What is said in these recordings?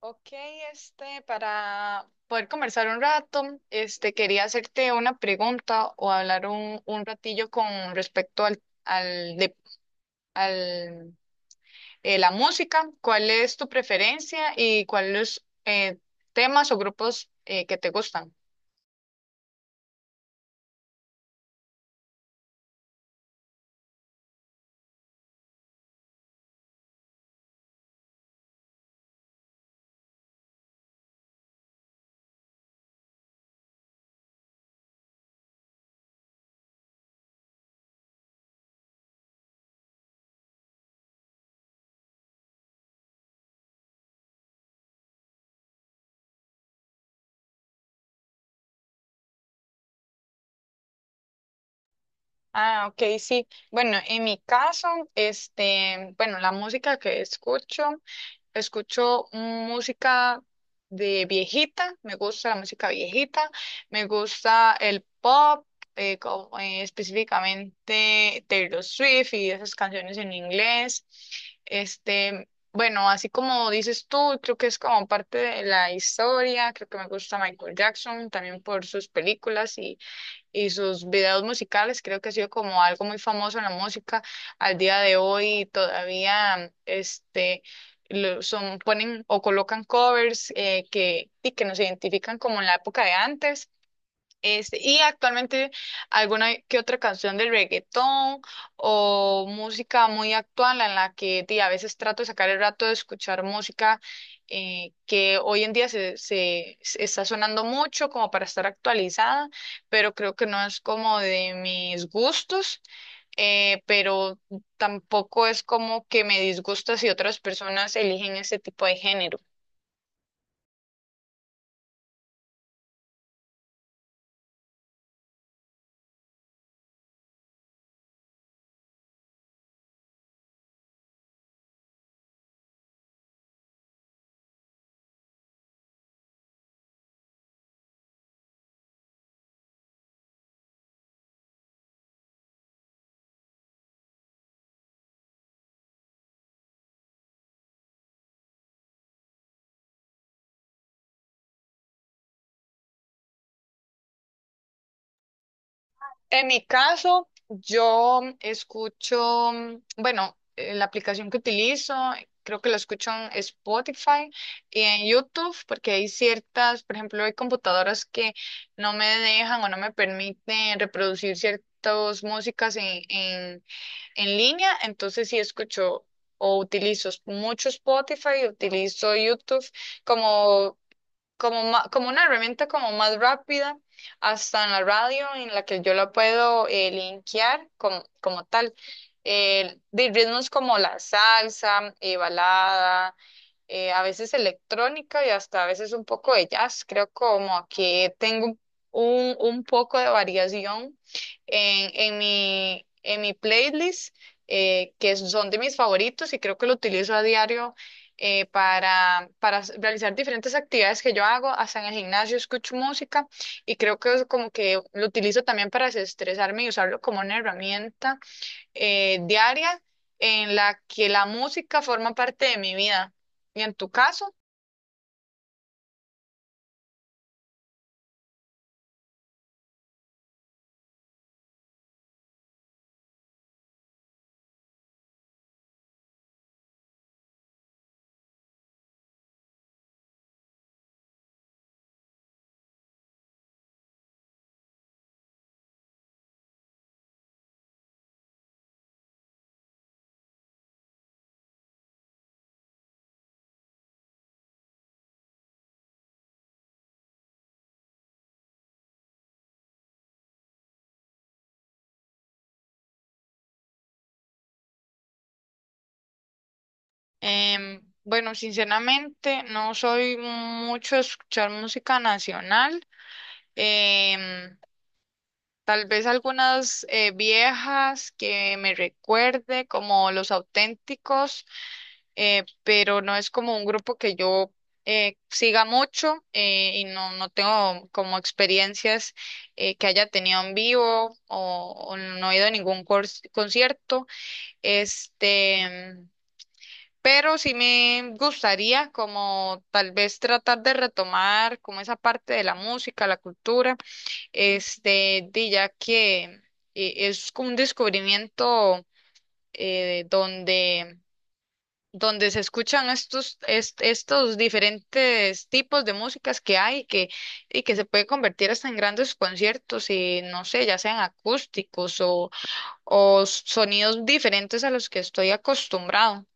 Ok, para poder conversar un rato, quería hacerte una pregunta o hablar un ratillo con respecto al la música. ¿Cuál es tu preferencia y cuáles temas o grupos que te gustan? Ah, ok, sí. Bueno, en mi caso, bueno, la música que escucho música de viejita, me gusta la música viejita, me gusta el pop, específicamente Taylor Swift y esas canciones en inglés. Este, bueno, así como dices tú, creo que es como parte de la historia, creo que me gusta Michael Jackson también por sus películas y sus videos musicales. Creo que ha sido como algo muy famoso en la música al día de hoy. Todavía son, ponen o colocan covers y que nos identifican como en la época de antes. Este, y actualmente alguna que otra canción del reggaetón o música muy actual en la que a veces trato de sacar el rato de escuchar música que hoy en día se está sonando mucho como para estar actualizada, pero creo que no es como de mis gustos, pero tampoco es como que me disgusta si otras personas eligen ese tipo de género. En mi caso, yo la aplicación que utilizo, creo que la escucho en Spotify y en YouTube, porque hay ciertas, por ejemplo, hay computadoras que no me dejan o no me permiten reproducir ciertas músicas en línea, entonces sí escucho o utilizo mucho Spotify, utilizo YouTube como como una herramienta como más rápida, hasta en la radio en la que yo la puedo linkear como, como tal. De ritmos como la salsa, balada, a veces electrónica y hasta a veces un poco de jazz. Creo como que tengo un poco de variación en mi playlist, que son de mis favoritos y creo que lo utilizo a diario. Para s- realizar diferentes actividades que yo hago, hasta en el gimnasio escucho música y creo que es como que lo utilizo también para desestresarme y usarlo como una herramienta diaria en la que la música forma parte de mi vida. Y en tu caso, bueno, sinceramente no soy mucho de escuchar música nacional. Em, Tal vez algunas viejas que me recuerde, como Los Auténticos pero no es como un grupo que yo siga mucho y no, no tengo como experiencias que haya tenido en vivo o no he ido a ningún cors- concierto. Este, pero sí me gustaría como tal vez tratar de retomar como esa parte de la música, la cultura, de ya que es como un descubrimiento eh, donde donde se escuchan estos diferentes tipos de músicas que y que se puede convertir hasta en grandes conciertos y no sé, ya sean acústicos o sonidos diferentes a los que estoy acostumbrado.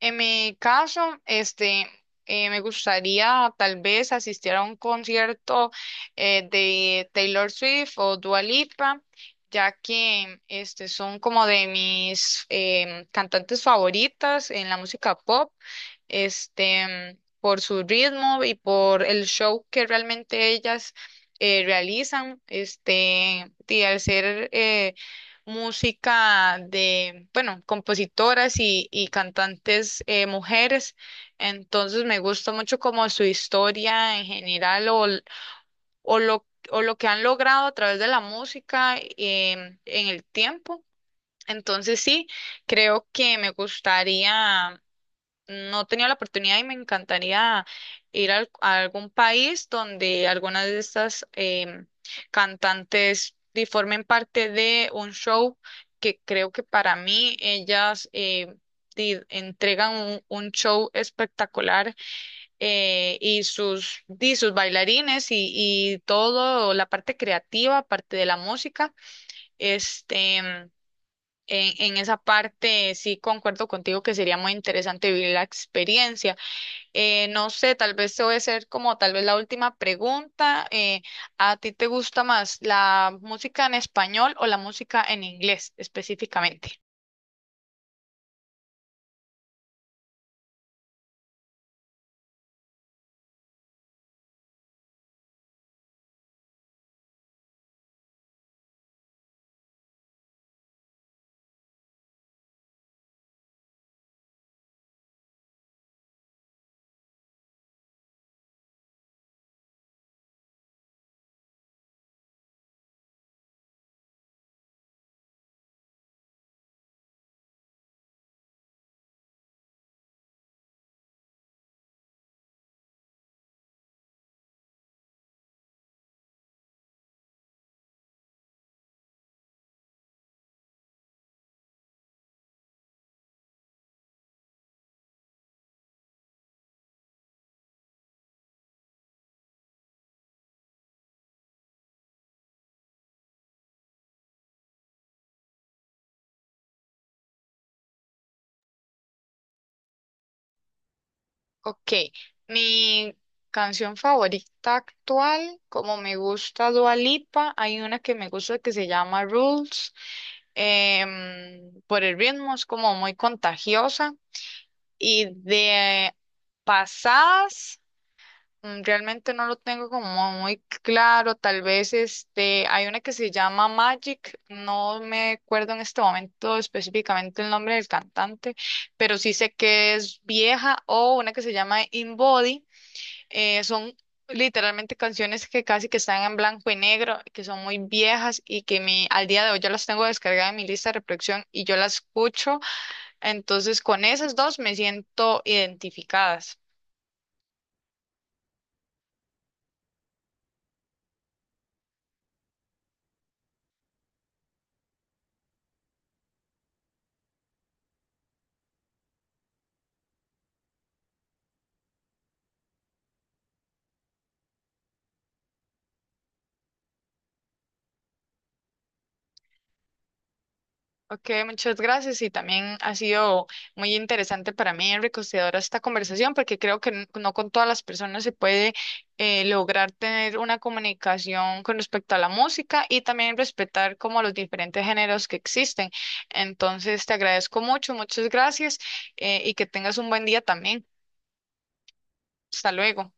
En mi caso, me gustaría tal vez asistir a un concierto de Taylor Swift o Dua Lipa. Ya que son como de mis cantantes favoritas en la música pop. Este, por su ritmo y por el show que realmente ellas realizan, y al ser música de, bueno, compositoras y cantantes mujeres, entonces me gusta mucho como su historia en general o lo, o lo que han logrado a través de la música en el tiempo. Entonces sí, creo que me gustaría, no he tenido la oportunidad y me encantaría ir a algún país donde algunas de estas cantantes formen parte de un show que creo que para mí ellas entregan un show espectacular y sus bailarines y todo, la parte creativa, parte de la música, este... em, en esa parte sí concuerdo contigo que sería muy interesante vivir la experiencia. No sé, tal vez te voy a hacer como tal vez la última pregunta. ¿A ti te gusta más la música en español o la música en inglés específicamente? Ok, mi canción favorita actual, como me gusta Dua Lipa, hay una que me gusta que se llama Rules, por el ritmo es como muy contagiosa y de pasadas. Mm, realmente no lo tengo como muy claro, tal vez hay una que se llama Magic, no me acuerdo en este momento específicamente el nombre del cantante, pero sí sé que es vieja o una que se llama In Body, son literalmente canciones que casi que están en blanco y negro, que son muy viejas y que al día de hoy yo las tengo descargadas en mi lista de reproducción y yo las escucho, entonces con esas dos me siento identificadas. Ok, muchas gracias y también ha sido muy interesante para mí, enriquecedora esta conversación, porque creo que n- no con todas las personas se puede lograr tener una comunicación con respecto a la música y también respetar como los diferentes géneros que existen. Entonces, te agradezco mucho, muchas gracias y que tengas un buen día también. Hasta luego.